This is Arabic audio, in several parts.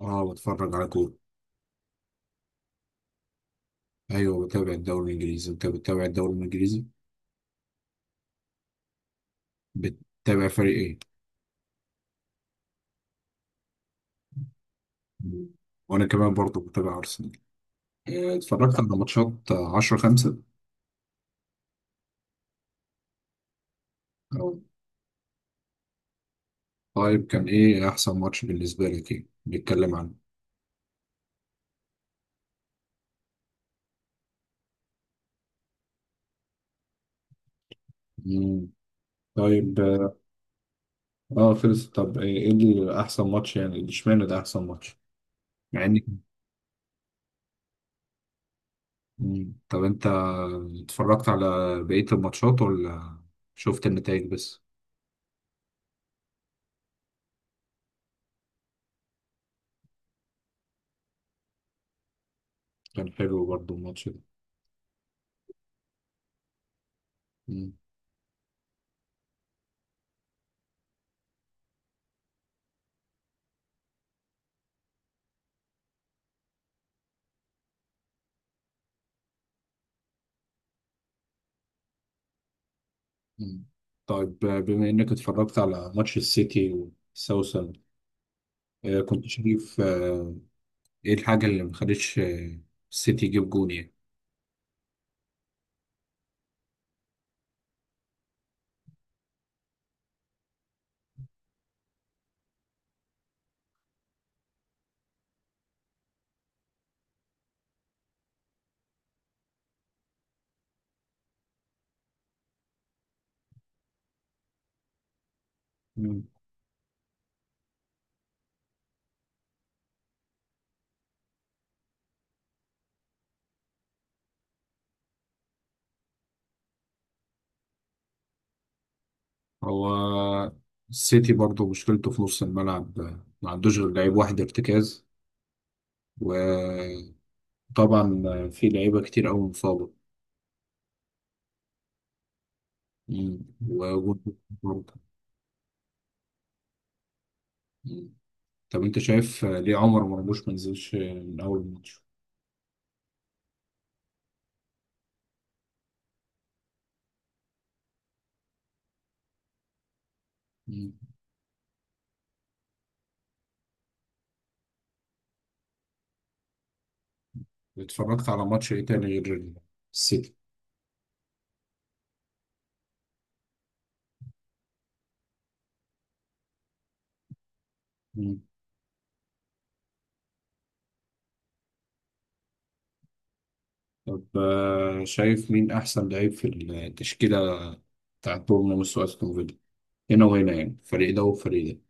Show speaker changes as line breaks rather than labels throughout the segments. اه بتفرج على كورة. ايوه بتابع الدوري الانجليزي. انت بتتابع الدوري الانجليزي؟ بتتابع فريق ايه؟ مم. وانا كمان برضه بتابع ارسنال. اتفرجت على ماتشات 10 5. طيب كان ايه احسن ماتش بالنسبة لك؟ ايه نتكلم عنه؟ مم. طيب خلص. طب إيه اللي احسن ماتش يعني؟ اشمعنى ده احسن ماتش؟ مع اني طب انت اتفرجت على بقية الماتشات ولا شفت النتائج بس؟ كان حلو برضه الماتش ده. مم. طيب، بما انك اتفرجت على ماتش السيتي وساوثهامبتون، كنت شايف ايه الحاجة اللي ما خلتش السيتي يجيب جون يعني؟ مم. هو السيتي برضه مشكلته في نص الملعب، ما عندوش غير لعيب واحد ارتكاز. وطبعا في لعيبة كتير أوي مصابة. مم. وجون برضه. مم. طب انت شايف ليه عمر مرموش ما نزلش من أول الماتش؟ مم. اتفرجت على ماتش ايه تاني غير السيتي؟ طب شايف مين أحسن لعيب في التشكيلة بتاعت بورنموث وأستون فيلا، هنا وهنا يعني فريق ده وفريق ده؟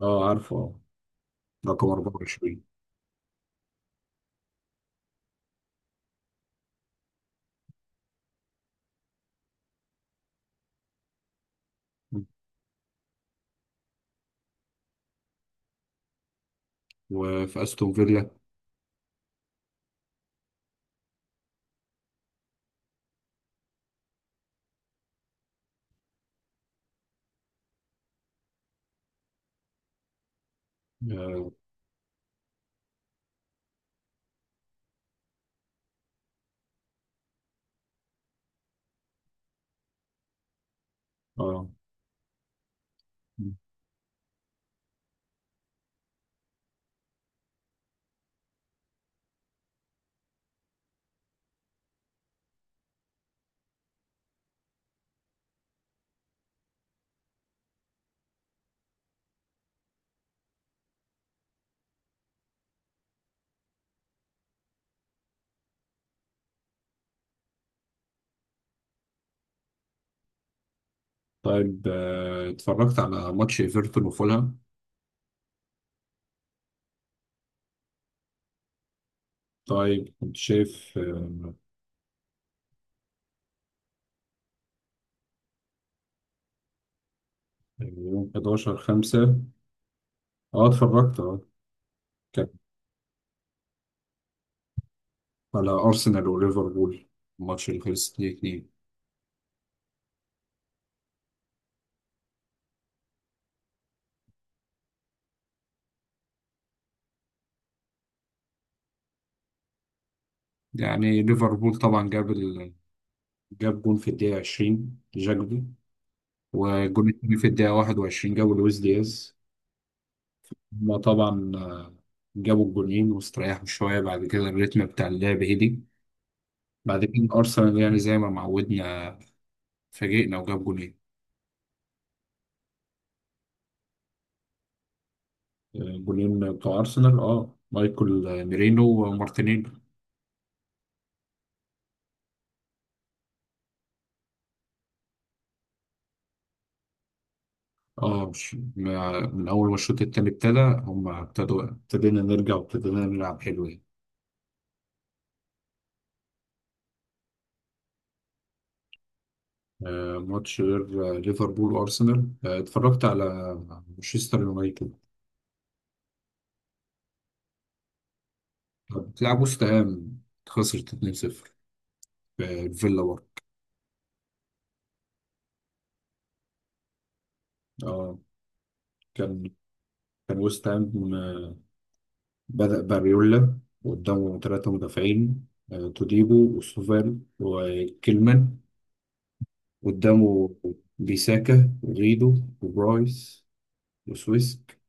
اه، عارفه، اه، رقم 24. وفي أستون فيلا. اه آه. طيب، اتفرجت على ماتش ايفرتون وفولهام؟ طيب كنت شايف، يوم 11 5. اه اتفرجت، اه. كان على ارسنال وليفربول، الماتش اللي خلص 2-2. يعني ليفربول طبعا جاب جون في الدقيقة 20 جاكبو، والجون التاني في الدقيقة 21 جابوا لويس دياز. هما طبعا جابوا الجونين واستريحوا شوية. بعد كده الريتم بتاع اللعب هدي. بعد كده أرسنال يعني زي ما معودنا، فاجئنا وجاب جونين. جونين بتوع أرسنال، اه، مايكل ميرينو ومارتينيلي. اه، من أول ما الشوط التاني ابتدى، هما ابتدينا نرجع وابتدينا نلعب حلو يعني. ماتش غير ليفربول وأرسنال، اتفرجت على مانشستر يونايتد. طب بتلعب وست هام، خسرت 2-0 في فيلا برضه. اه، كان كان وست هام بدأ باريولا قدامه ثلاثة مدافعين: توديبو وسوفال وكيلمان. قدامه بيساكا وغيدو وبرايس وسويسك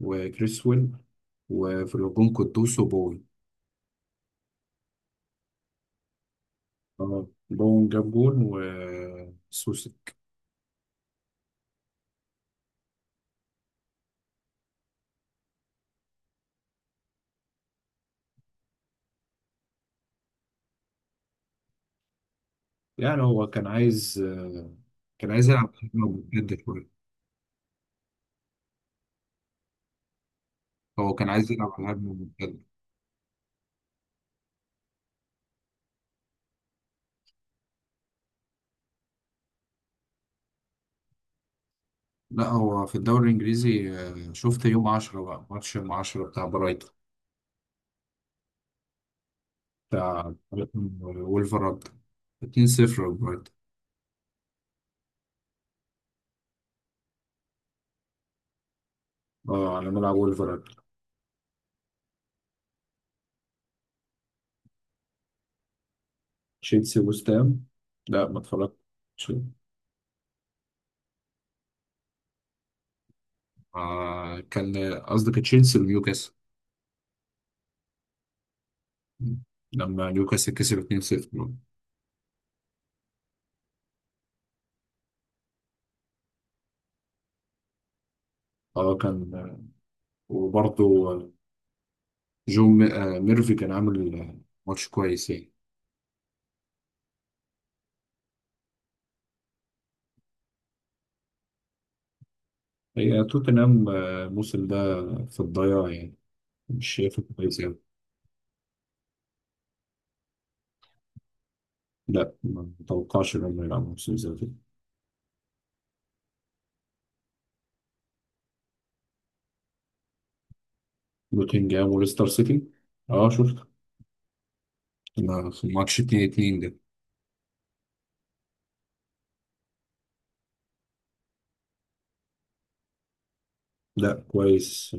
وكريسويل، وفي الهجوم قدوس وبون. اه، بون جاب جون وسوسي. يعني هو كان عايز، كان عايز يلعب هجمة ممتدة. هو كان عايز يلعب على هجمة مرتدة. لا هو في الدوري الإنجليزي، شفت يوم 10، بقى ماتش يوم 10 بتاع برايتون بتاع ولفرهامبتون، 2-0 برايتون. اه، على ملعب ولفرهامبتون. تشيلسي وستام؟ لا ما اتفرجتش. آه، كان قصدك تشيلسي ونيوكاسل، لما نيوكاسل كسب 2-0. اه كان وبرضه جو ميرفي كان عامل ماتش كويس يعني. هي توتنهام الموسم ده في الضياع يعني. مش شايفه كويس يعني. لا ما اتوقعش ان هم يلعبوا موسم زي ده. نوتنجهام وليستر سيتي، اه شفت. ماتش 2 2 ده. لا، كويس.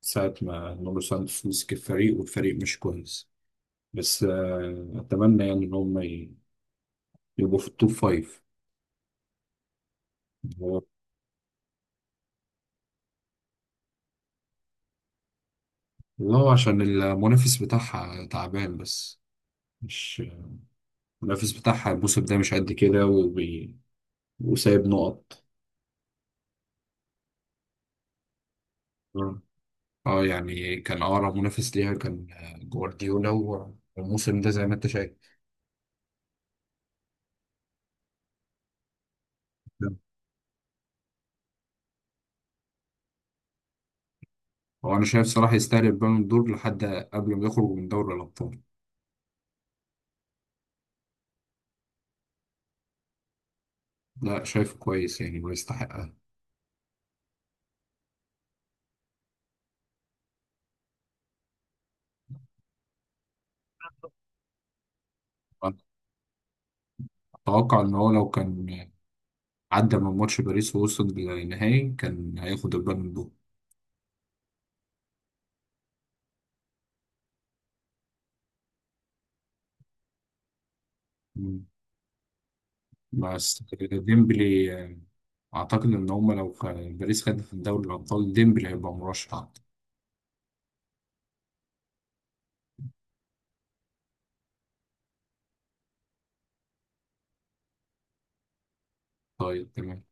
ساعة ما نونو سانتوس مسك الفريق، والفريق مش كويس. بس أتمنى يعني إن هم يبقوا في التوب فايف. هو- والله عشان المنافس بتاعها تعبان بس. مش المنافس بتاعها الموسم ده مش قد كده، وسايب نقط. اه يعني كان اقرب منافس ليها كان جوارديولا والموسم ده زي ما انت شايف. هو انا شايف صلاح يستاهل البالون دور لحد قبل ما يخرج من دوري الابطال. لا شايفه كويس يعني ويستحقها. اتوقع ان هو لو كان عدى من ماتش باريس ووصل للنهائي كان هياخد البالون دور. مم. بس ديمبلي اعتقد ان هما لو باريس خدت دوري الابطال ديمبلي هيبقى مرشح. طيب تمام.